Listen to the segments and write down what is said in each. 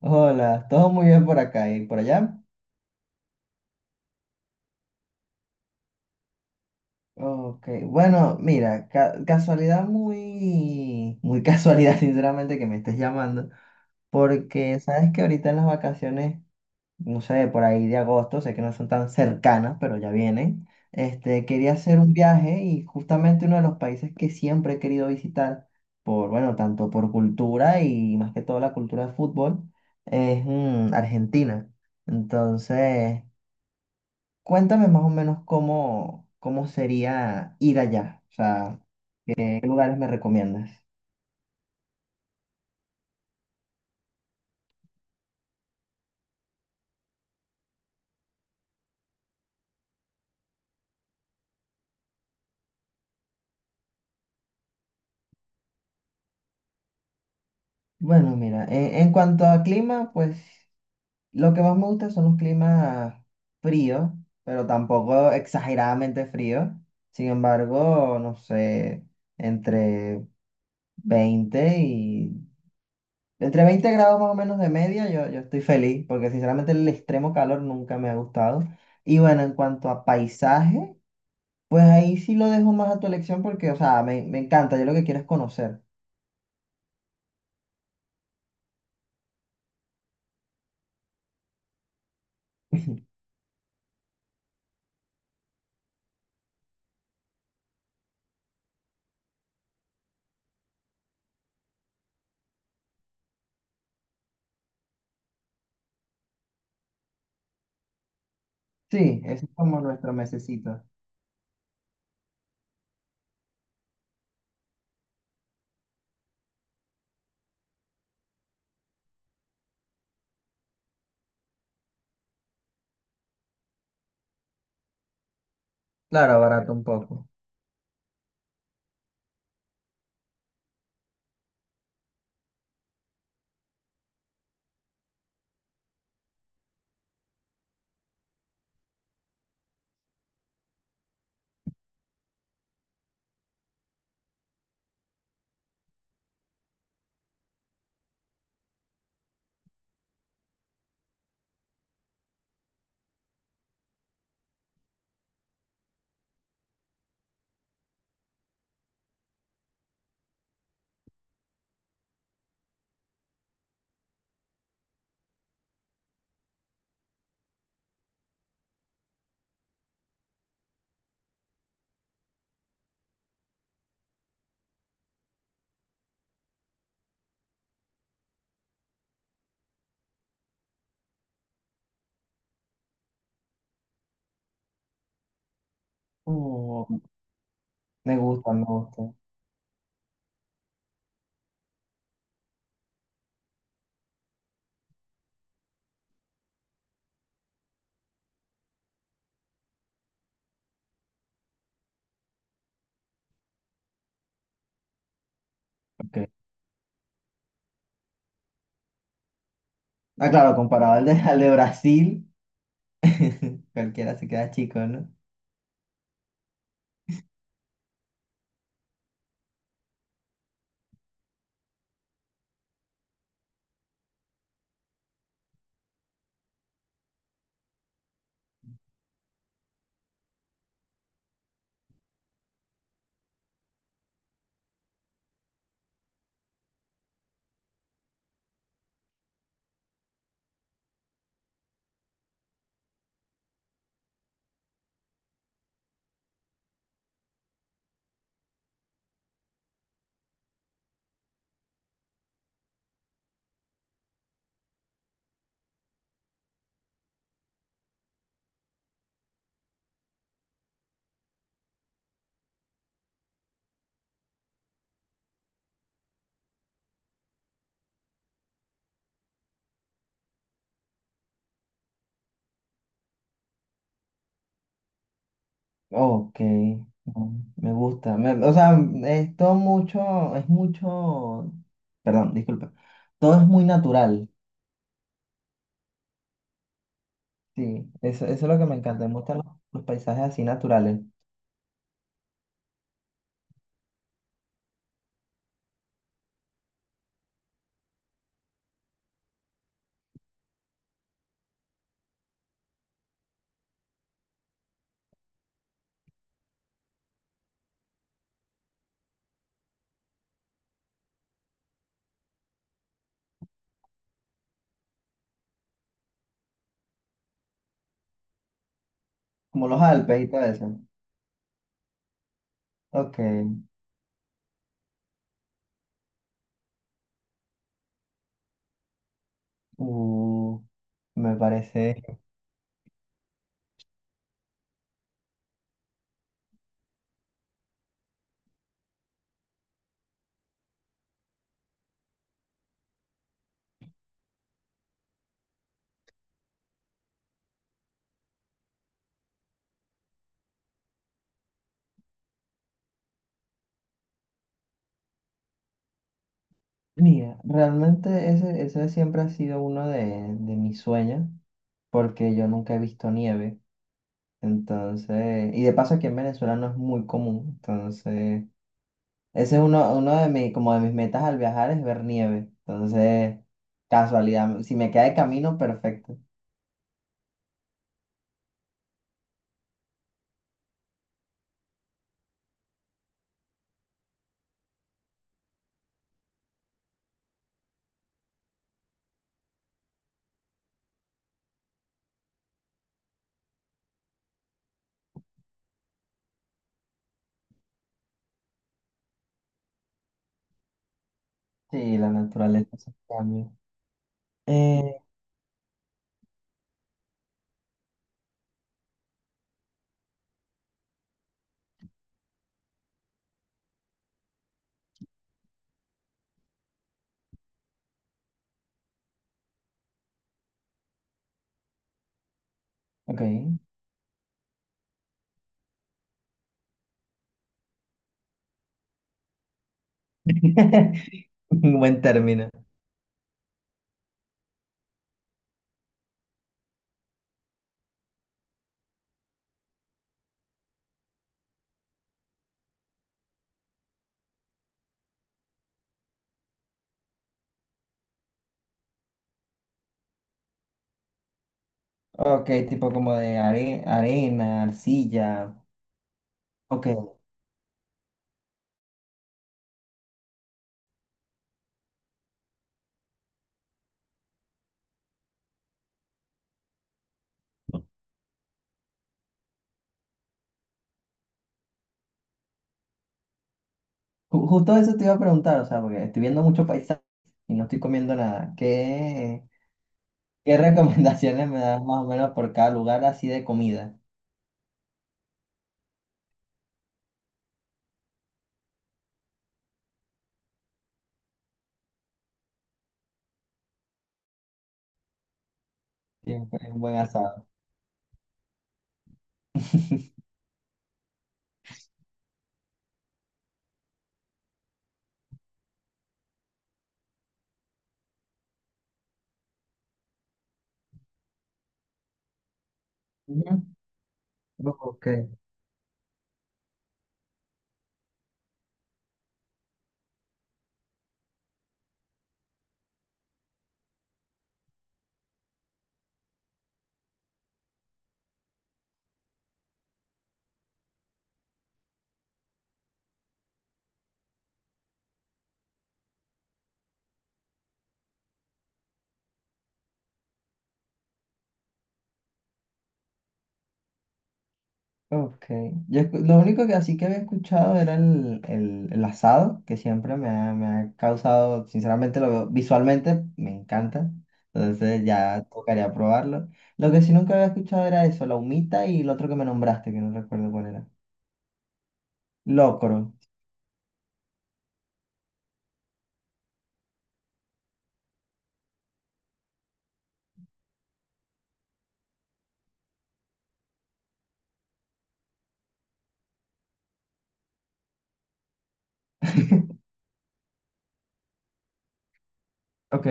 Hola, todo muy bien por acá y por allá. Ok, bueno, mira, casualidad muy, muy casualidad, sinceramente, que me estés llamando, porque sabes que ahorita en las vacaciones, no sé, por ahí de agosto, sé que no son tan cercanas, pero ya vienen. Este, quería hacer un viaje y justamente uno de los países que siempre he querido visitar, por, bueno, tanto por cultura y más que todo la cultura de fútbol, es Argentina. Entonces, cuéntame más o menos cómo sería ir allá, o sea, qué lugares me recomiendas. Bueno, mira, en cuanto a clima, pues lo que más me gusta son los climas fríos, pero tampoco exageradamente fríos. Sin embargo, no sé, entre 20 y... entre 20 grados más o menos de media, yo estoy feliz, porque sinceramente el extremo calor nunca me ha gustado. Y bueno, en cuanto a paisaje. Pues ahí sí lo dejo más a tu elección porque, o sea, me encanta, yo lo que quiero es conocer. Sí, ese es como nuestro mesecito. Claro, barato un poco. Oh, me gusta, me gusta. Ok. Ah, claro, comparado al de, al de Brasil, cualquiera se queda chico, ¿no? Ok, mm, me gusta. O sea, es mucho, perdón, disculpa. Todo es muy natural, sí. Eso es lo que me encanta. Me gustan los paisajes así naturales, como los Alpes y todo eso. Ok. Uh, me parece. Mira, realmente ese, ese siempre ha sido uno de mis sueños, porque yo nunca he visto nieve, entonces, y de paso aquí en Venezuela no es muy común, entonces, ese es uno de mis, como de mis metas al viajar es ver nieve, entonces, casualidad, si me queda de camino, perfecto. Sí, la naturaleza es un cambio. Eh, ok, un buen término. Ok, tipo como de arena, arcilla, ok. Justo eso te iba a preguntar, o sea, porque estoy viendo mucho paisaje y no estoy comiendo nada. ¿Qué recomendaciones me das más o menos por cada lugar así de comida? Siempre es un buen asado. Ujú. Ok, ok. Lo único que así que había escuchado era el asado, que siempre me ha causado, sinceramente, visualmente me encanta. Entonces ya tocaría probarlo. Lo que sí nunca había escuchado era eso, la humita y el otro que me nombraste, que no recuerdo cuál era. Locro. Ok.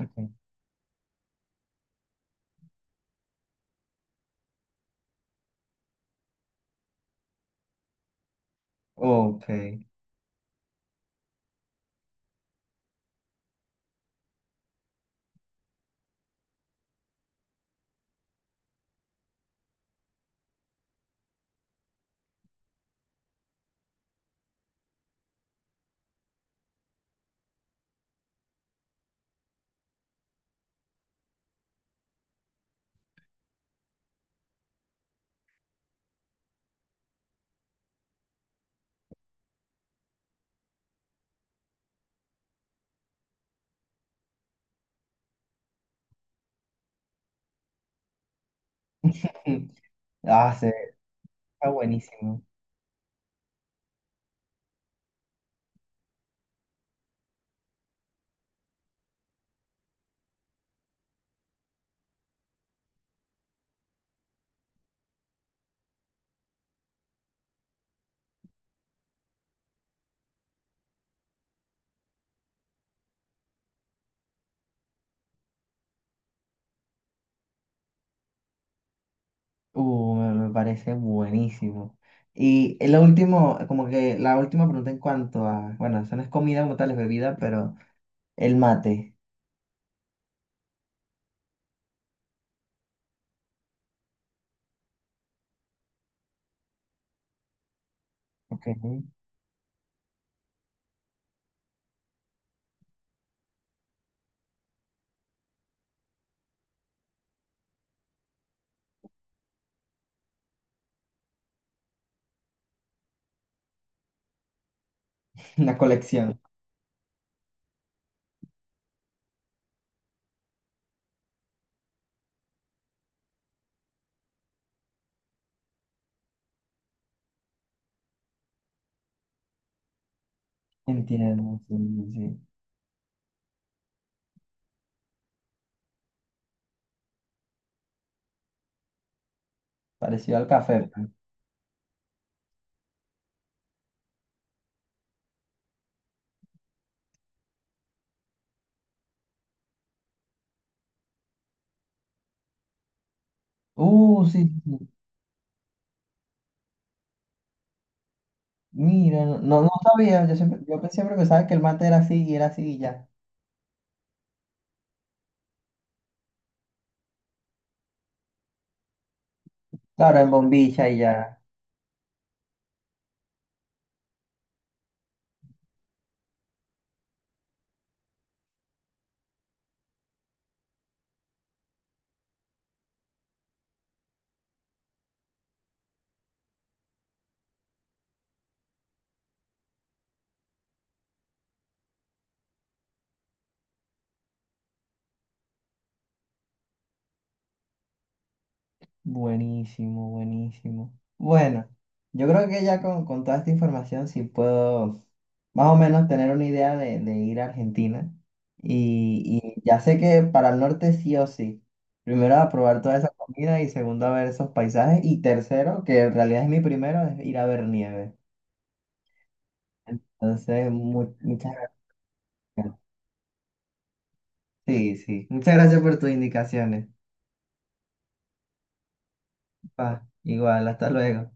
Okay, ok. Ah, se está buenísimo. Me parece buenísimo. Y el último, como que la última pregunta en cuanto a, bueno, eso no es comida como tal, es bebida, pero el mate. Ok. Una colección. Entiendo, sí, sí, sí. Parecido al café, pues. Sí, sí, sí. Mira, no, no sabía. Yo siempre pensaba que el mate era así y ya. Claro, en bombilla y ya. Buenísimo, buenísimo. Bueno, yo creo que ya con toda esta información sí puedo más o menos tener una idea de ir a Argentina. Y ya sé que para el norte sí o sí. Primero a probar toda esa comida y segundo a ver esos paisajes. Y tercero, que en realidad es mi primero, es ir a ver nieve. Entonces, muchas gracias. Sí, sí. Muchas gracias por tus indicaciones. Pa, igual, hasta luego.